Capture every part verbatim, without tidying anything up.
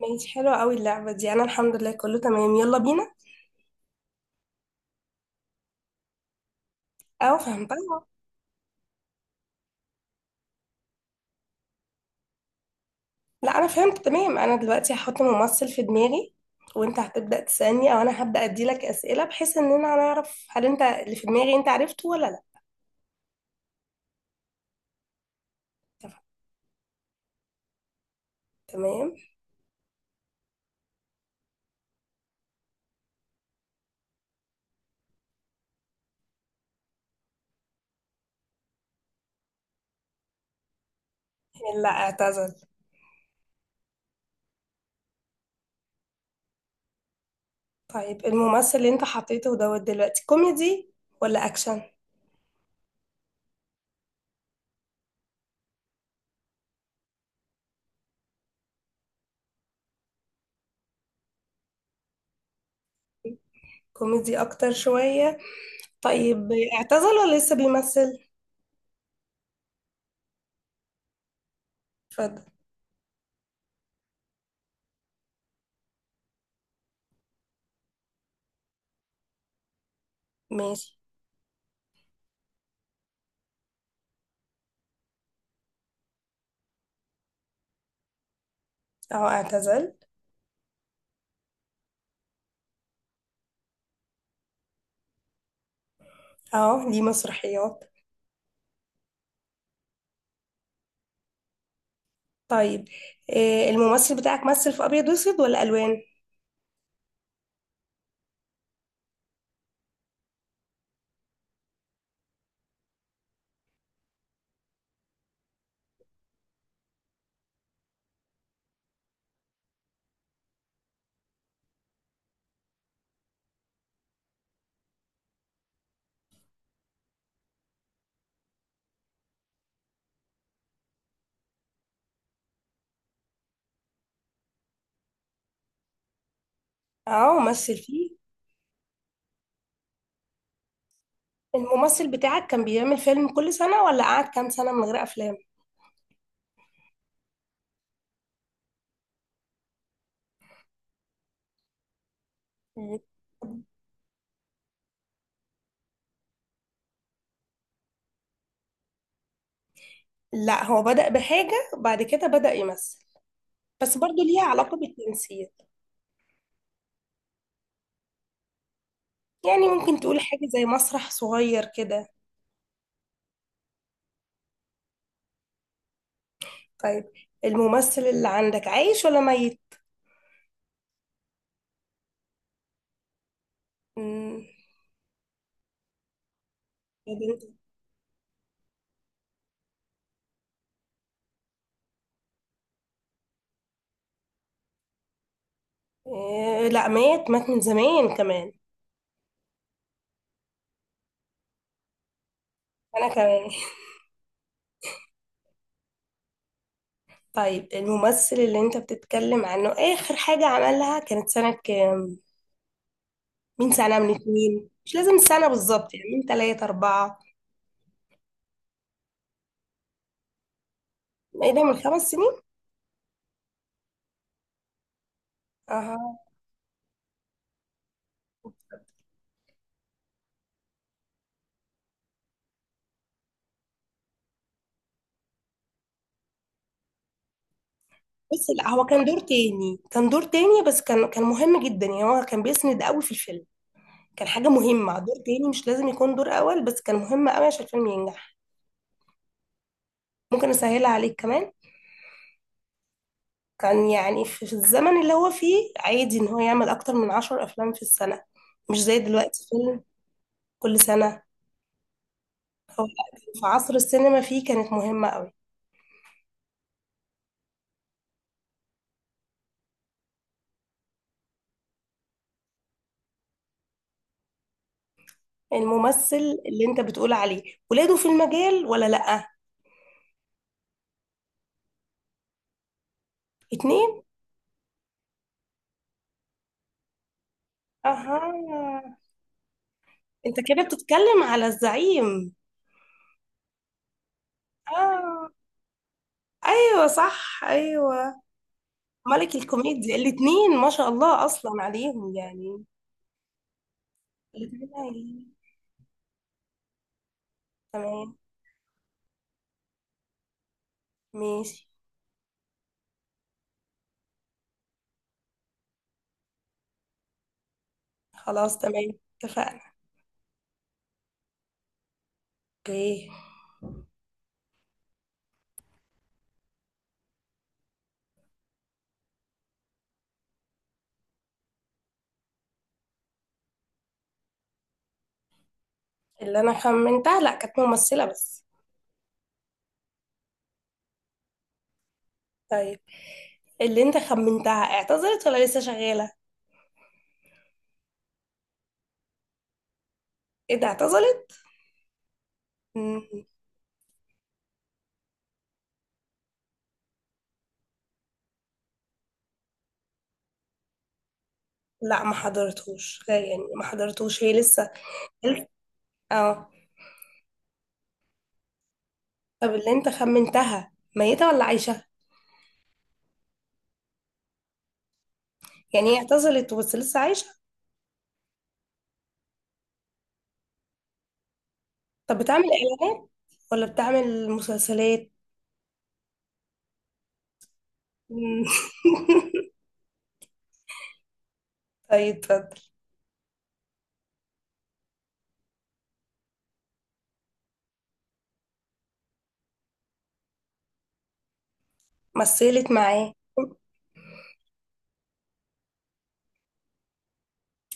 ماشي، حلوة قوي اللعبة دي. أنا الحمد لله كله تمام. يلا بينا. أو فهمتها. لا، أنا فهمت تمام. أنا دلوقتي هحط ممثل في دماغي، وأنت هتبدأ تسألني، أو أنا هبدأ أديلك أسئلة بحيث إننا هنعرف هل أنت اللي في دماغي أنت عرفته ولا لا. تف- تمام. لا، اعتزل. طيب، الممثل اللي أنت حطيته دوت دلوقتي كوميدي ولا أكشن؟ كوميدي أكتر شوية. طيب، اعتزل ولا لسه بيمثل؟ اتفضل. ماشي. أهو اعتزل. أهو ليه مسرحيات. طيب، آه، الممثل بتاعك مثل في ابيض واسود ولا الوان؟ اه، مثل فيه. الممثل بتاعك كان بيعمل فيلم كل سنة ولا قعد كام سنة من غير افلام؟ مم. لا، هو بدأ بحاجة بعد كده بدأ يمثل، بس برضو ليها علاقة بالتمثيل. يعني ممكن تقول حاجة زي مسرح صغير كده. طيب، الممثل اللي عندك عايش ولا ميت؟ مم، يا بنتي. آه، لا، مات مات من زمان كمان. انا كمان. طيب، الممثل اللي انت بتتكلم عنه اخر حاجة عملها كانت سنة كام؟ من سنة؟ من اتنين؟ مش لازم السنة بالظبط، يعني من تلاتة اربعة. ايه ده، من خمس سنين؟ اها. بس لا، هو كان دور تاني كان دور تاني بس كان كان مهم جدا. يعني هو كان بيسند قوي في الفيلم، كان حاجة مهمة. دور تاني مش لازم يكون دور اول بس كان مهم قوي عشان الفيلم ينجح. ممكن اسهلها عليك كمان؟ كان يعني في في الزمن اللي هو فيه عادي ان هو يعمل اكتر من عشر افلام في السنة، مش زي دلوقتي فيلم كل سنة. هو في عصر السينما فيه كانت مهمة قوي. الممثل اللي انت بتقول عليه ولاده في المجال ولا لأ؟ اتنين. اها. انت كده بتتكلم على الزعيم؟ اه، ايوه صح ايوه. ملك الكوميديا الاتنين، ما شاء الله اصلا عليهم يعني. الاتنين عاليين. تمام. ماشي. خلاص. تمام اتفقنا. اوكي. اللي انا خمنتها لا، كانت ممثلة بس. طيب، اللي انت خمنتها اعتذرت ولا لسه شغالة؟ ايه ده، اعتذرت؟ مم. لا، ما حضرتوش، غير يعني ما حضرتوش، هي لسه. اه. طب اللي انت خمنتها ميتة ولا عايشة؟ يعني هي اعتزلت بس لسه عايشة؟ طب بتعمل اعلانات ولا بتعمل مسلسلات؟ مم. طيب، اتفضل. مثلت معاه.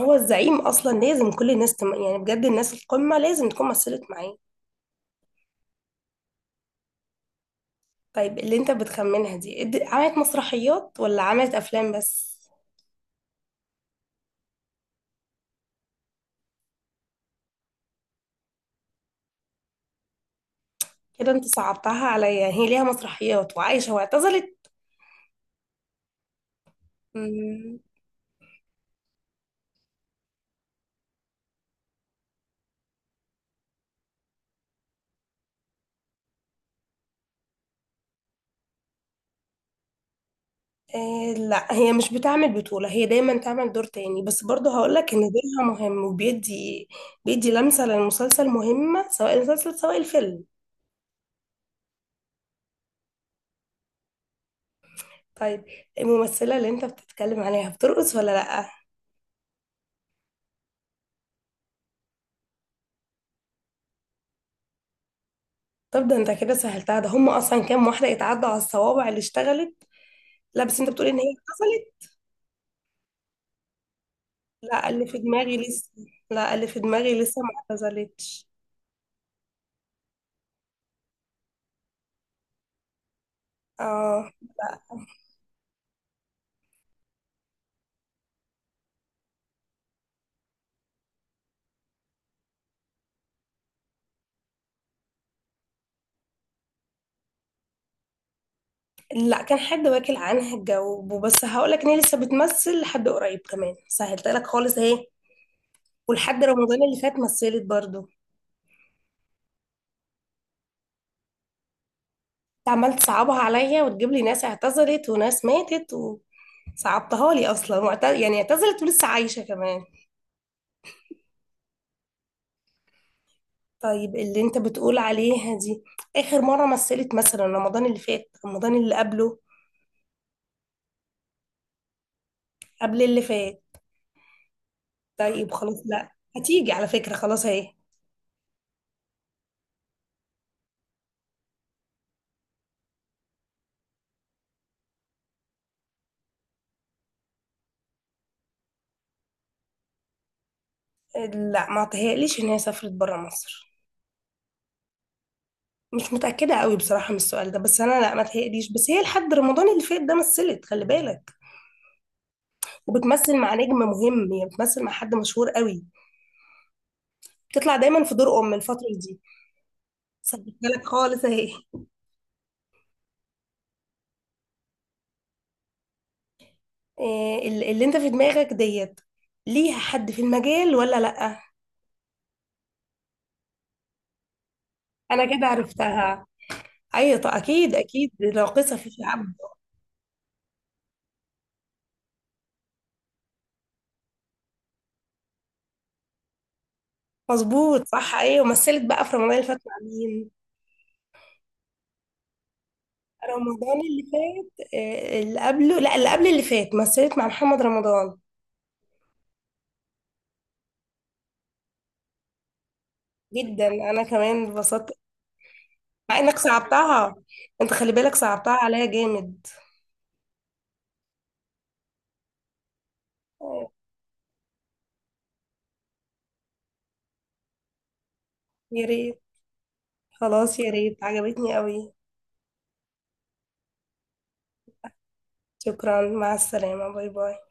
هو الزعيم اصلا لازم كل الناس تم... يعني بجد الناس القمة لازم تكون مثلت معاه. طيب، اللي انت بتخمنها دي اد- عملت مسرحيات ولا عملت افلام بس؟ كده انت صعبتها عليا، هي ليها مسرحيات وعايشة واعتزلت. آه، لا، هي مش بتعمل بطولة، هي دايما تعمل دور تاني، بس برضه هقولك ان دورها مهم وبيدي، بيدي لمسة للمسلسل مهمة، سواء المسلسل سواء الفيلم. طيب، الممثلة اللي انت بتتكلم عليها بترقص ولا لأ؟ طب ده انت كده سهلتها، ده هم اصلا كام واحدة يتعدوا على الصوابع اللي اشتغلت. لا، بس انت بتقولي ان هي حصلت. لا اللي في دماغي لسه لا، اللي في دماغي لسه ما اعتزلتش. اه، لا، كان حد واكل عنها الجو بس هقولك ان هي لسه بتمثل لحد قريب كمان، سهلت لك خالص اهي. ولحد رمضان اللي فات مثلت برضو انت. عمال تصعبها عليا وتجيب لي ناس اعتذرت وناس ماتت. وصعبتها لي اصلا وقت... يعني اعتذرت ولسه عايشة كمان. طيب، اللي انت بتقول عليها دي اخر مرة مثلت مثلا رمضان اللي فات، رمضان اللي قبله، قبل اللي فات؟ طيب خلاص، لا هتيجي على فكرة. خلاص اهي. لا، ما تهيأليش ان هي سافرت برا مصر. مش متأكدة قوي بصراحة من السؤال ده، بس انا لا ما تهيأليش. بس هي لحد رمضان اللي فات ده مثلت، خلي بالك. وبتمثل مع نجم مهم، يعني بتمثل مع حد مشهور قوي. بتطلع دايما في دور ام الفتره دي. سبتها لك خالص اهي. إيه ال- اللي انت في دماغك ديت ليها حد في المجال ولا لا؟ انا كده عرفتها. ايوه، طب اكيد اكيد راقصه في شعب. مظبوط صح ايوه. ومثلت بقى في رمضان اللي فات مع مين؟ رمضان اللي فات، إيه، اللي قبله، لا اللي قبل اللي فات مثلت مع محمد رمضان. جدا، انا كمان اتبسطت. مع انك صعبتها، انت خلي بالك صعبتها عليا جامد. آه، يا ريت. خلاص، يا ريت عجبتني قوي. شكرا، مع السلامة، باي باي.